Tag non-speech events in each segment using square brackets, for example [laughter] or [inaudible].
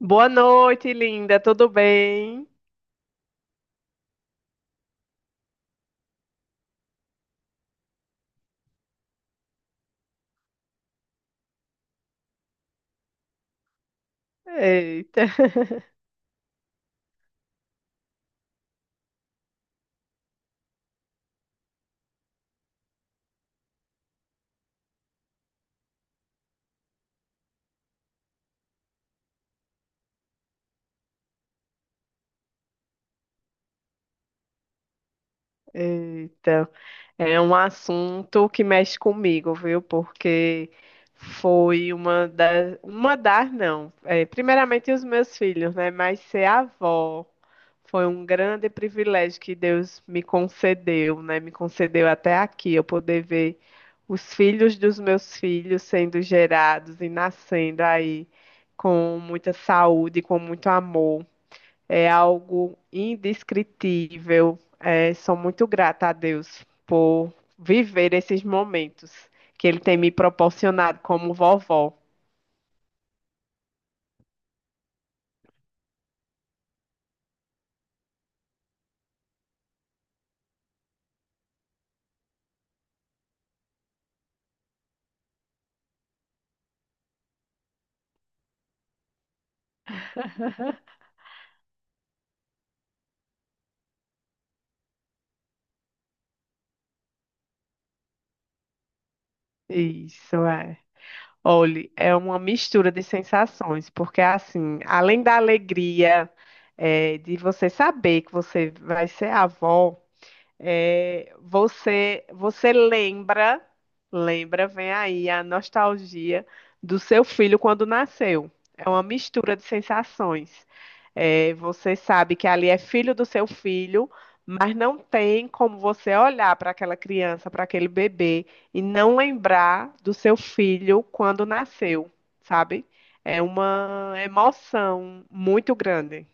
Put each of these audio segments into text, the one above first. Boa noite, linda. Tudo bem? Eita, [laughs] eita. É um assunto que mexe comigo, viu? Porque foi uma das não. É, primeiramente os meus filhos, né? Mas ser avó foi um grande privilégio que Deus me concedeu, né? Me concedeu até aqui, eu poder ver os filhos dos meus filhos sendo gerados e nascendo aí com muita saúde, com muito amor. É algo indescritível. É, sou muito grata a Deus por viver esses momentos que Ele tem me proporcionado como vovó. Isso é. Olhe, é uma mistura de sensações, porque assim, além da alegria, é, de você saber que você vai ser avó. É, você lembra, vem aí a nostalgia do seu filho quando nasceu. É uma mistura de sensações. É, você sabe que ali é filho do seu filho, mas não tem como você olhar para aquela criança, para aquele bebê e não lembrar do seu filho quando nasceu, sabe? É uma emoção muito grande.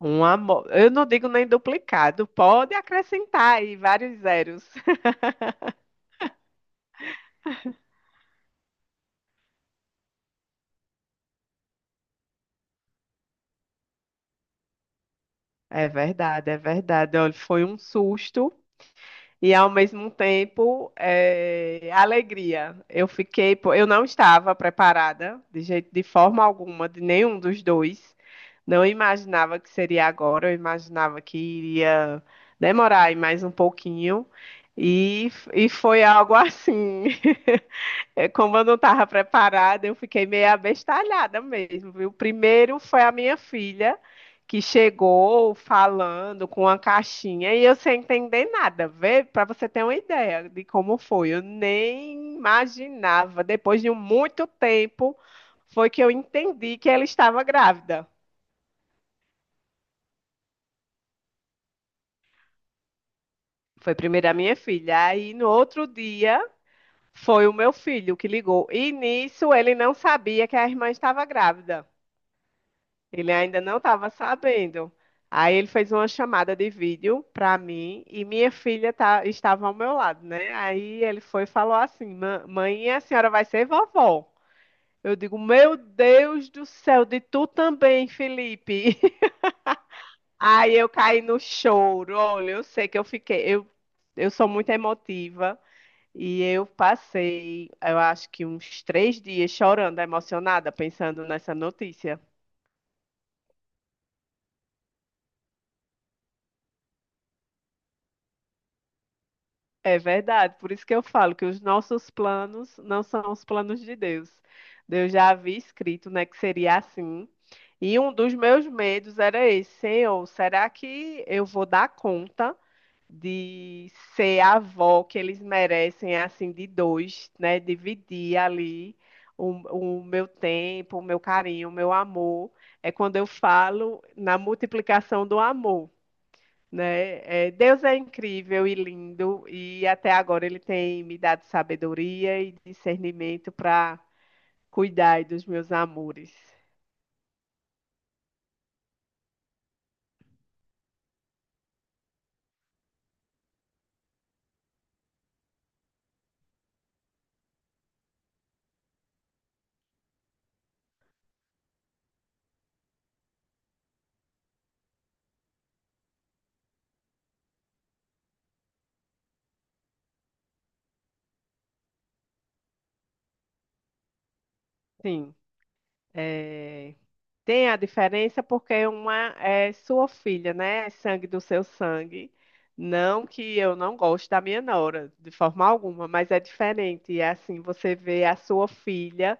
Um amor. Eu não digo nem duplicado, pode acrescentar aí vários zeros. [laughs] É verdade, é verdade. Olha, foi um susto e ao mesmo tempo é, alegria. Eu fiquei, pô, eu não estava preparada de jeito, de forma alguma, de nenhum dos dois. Não imaginava que seria agora. Eu imaginava que iria demorar aí mais um pouquinho e foi algo assim. [laughs] É, como eu não estava preparada, eu fiquei meio abestalhada mesmo, viu? Primeiro foi a minha filha, que chegou falando com uma caixinha e eu sem entender nada. Vê, para você ter uma ideia de como foi, eu nem imaginava. Depois de muito tempo, foi que eu entendi que ela estava grávida. Foi primeiro a minha filha. Aí no outro dia, foi o meu filho que ligou. E nisso ele não sabia que a irmã estava grávida. Ele ainda não estava sabendo. Aí ele fez uma chamada de vídeo para mim e minha filha estava ao meu lado, né? Aí ele foi e falou assim: Mãe, a senhora vai ser vovó." Eu digo: Meu Deus do céu, de tu também, Felipe. [laughs] Aí eu caí no choro. Olha, eu sei que eu fiquei. Eu sou muito emotiva e eu passei, eu acho que uns 3 dias chorando, emocionada, pensando nessa notícia. É verdade, por isso que eu falo que os nossos planos não são os planos de Deus. Deus já havia escrito, né, que seria assim. E um dos meus medos era esse, Senhor, será que eu vou dar conta de ser a avó que eles merecem, assim, de dois, né? Dividir ali o meu tempo, o meu carinho, o meu amor. É quando eu falo na multiplicação do amor, né? É, Deus é incrível e lindo, e até agora ele tem me dado sabedoria e discernimento para cuidar dos meus amores. Sim, é, tem a diferença porque uma é sua filha, né? É sangue do seu sangue. Não que eu não goste da minha nora, de forma alguma, mas é diferente. E é assim, você vê a sua filha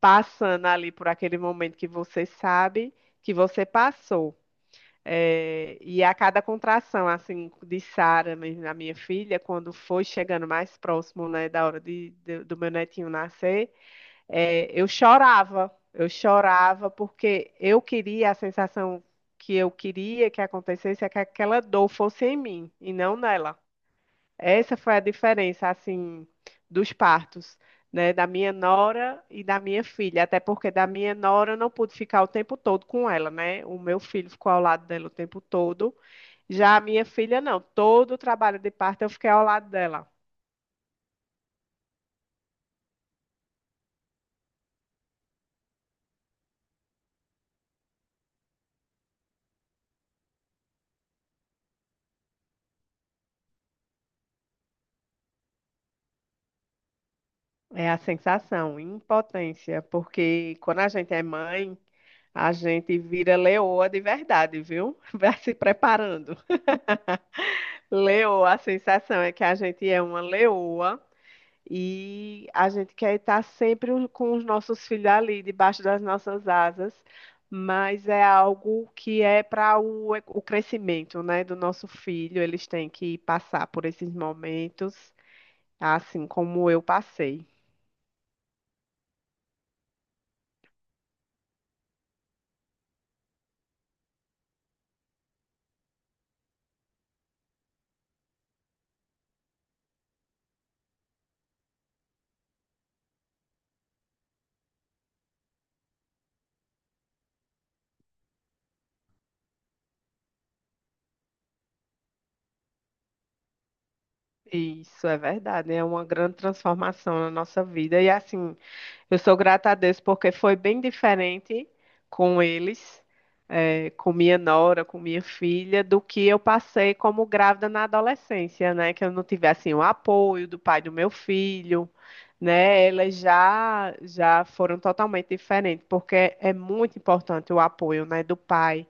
passando ali por aquele momento que você sabe que você passou. É, e a cada contração, assim, de Sara, mesmo, a minha filha, quando foi chegando mais próximo, né, da hora do meu netinho nascer, é, eu chorava porque eu queria a sensação que eu queria que acontecesse é que aquela dor fosse em mim e não nela. Essa foi a diferença, assim, dos partos, né, da minha nora e da minha filha, até porque da minha nora eu não pude ficar o tempo todo com ela, né? O meu filho ficou ao lado dela o tempo todo. Já a minha filha não, todo o trabalho de parto eu fiquei ao lado dela. É a sensação, impotência, porque quando a gente é mãe, a gente vira leoa de verdade, viu? [laughs] Vai se preparando. [laughs] Leoa, a sensação é que a gente é uma leoa. E a gente quer estar sempre com os nossos filhos ali, debaixo das nossas asas, mas é algo que é para o crescimento, né, do nosso filho. Eles têm que passar por esses momentos, assim como eu passei. Isso é verdade, é uma grande transformação na nossa vida. E assim, eu sou grata a Deus porque foi bem diferente com eles, com minha nora, com minha filha, do que eu passei como grávida na adolescência, né? Que eu não tive assim o apoio do pai do meu filho, né? Elas já foram totalmente diferentes, porque é muito importante o apoio, né, do pai,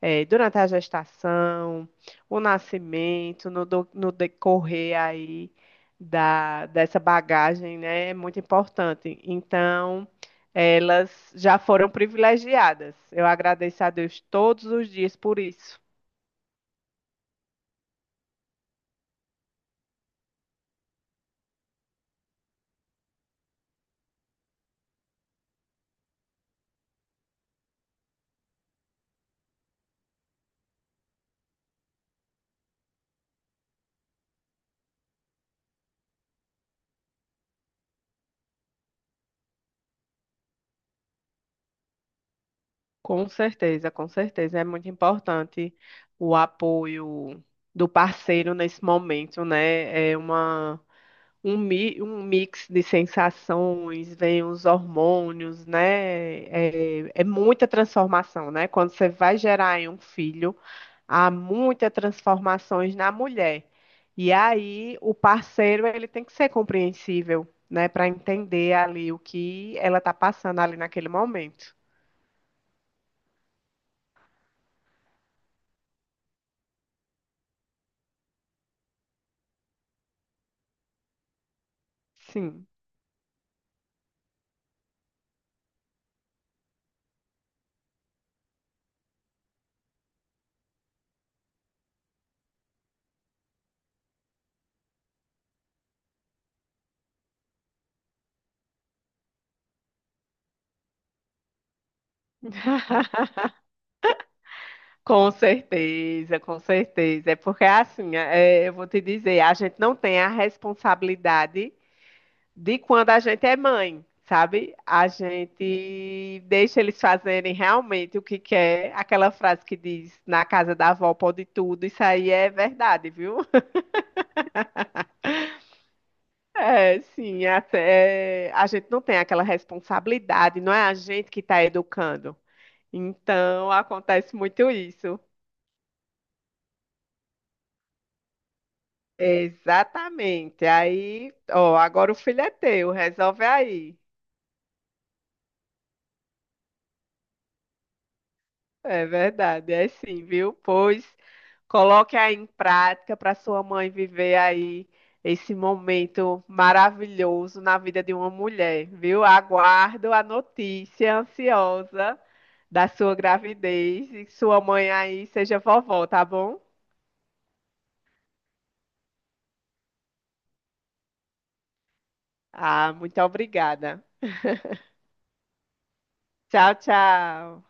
é, durante a gestação, o nascimento, no decorrer aí dessa bagagem, né, é muito importante. Então, elas já foram privilegiadas. Eu agradeço a Deus todos os dias por isso. Com certeza, com certeza. É muito importante o apoio do parceiro nesse momento, né? É um mix de sensações, vem os hormônios, né? É muita transformação, né? Quando você vai gerar em um filho, há muitas transformações na mulher. E aí o parceiro ele tem que ser compreensível, né? Para entender ali o que ela está passando ali naquele momento. Sim. Com certeza, com certeza. É porque assim, é, eu vou te dizer, a gente não tem a responsabilidade de quando a gente é mãe, sabe? A gente deixa eles fazerem realmente o que quer. Aquela frase que diz, na casa da avó pode tudo, isso aí é verdade, viu? [laughs] É, sim, até é, a gente não tem aquela responsabilidade, não é a gente que está educando. Então acontece muito isso. Exatamente. Aí, ó, agora o filho é teu, resolve aí. É verdade, é sim, viu? Pois coloque aí em prática para sua mãe viver aí esse momento maravilhoso na vida de uma mulher, viu? Aguardo a notícia ansiosa da sua gravidez e que sua mãe aí seja vovó, tá bom? Ah, muito obrigada. Tchau, tchau.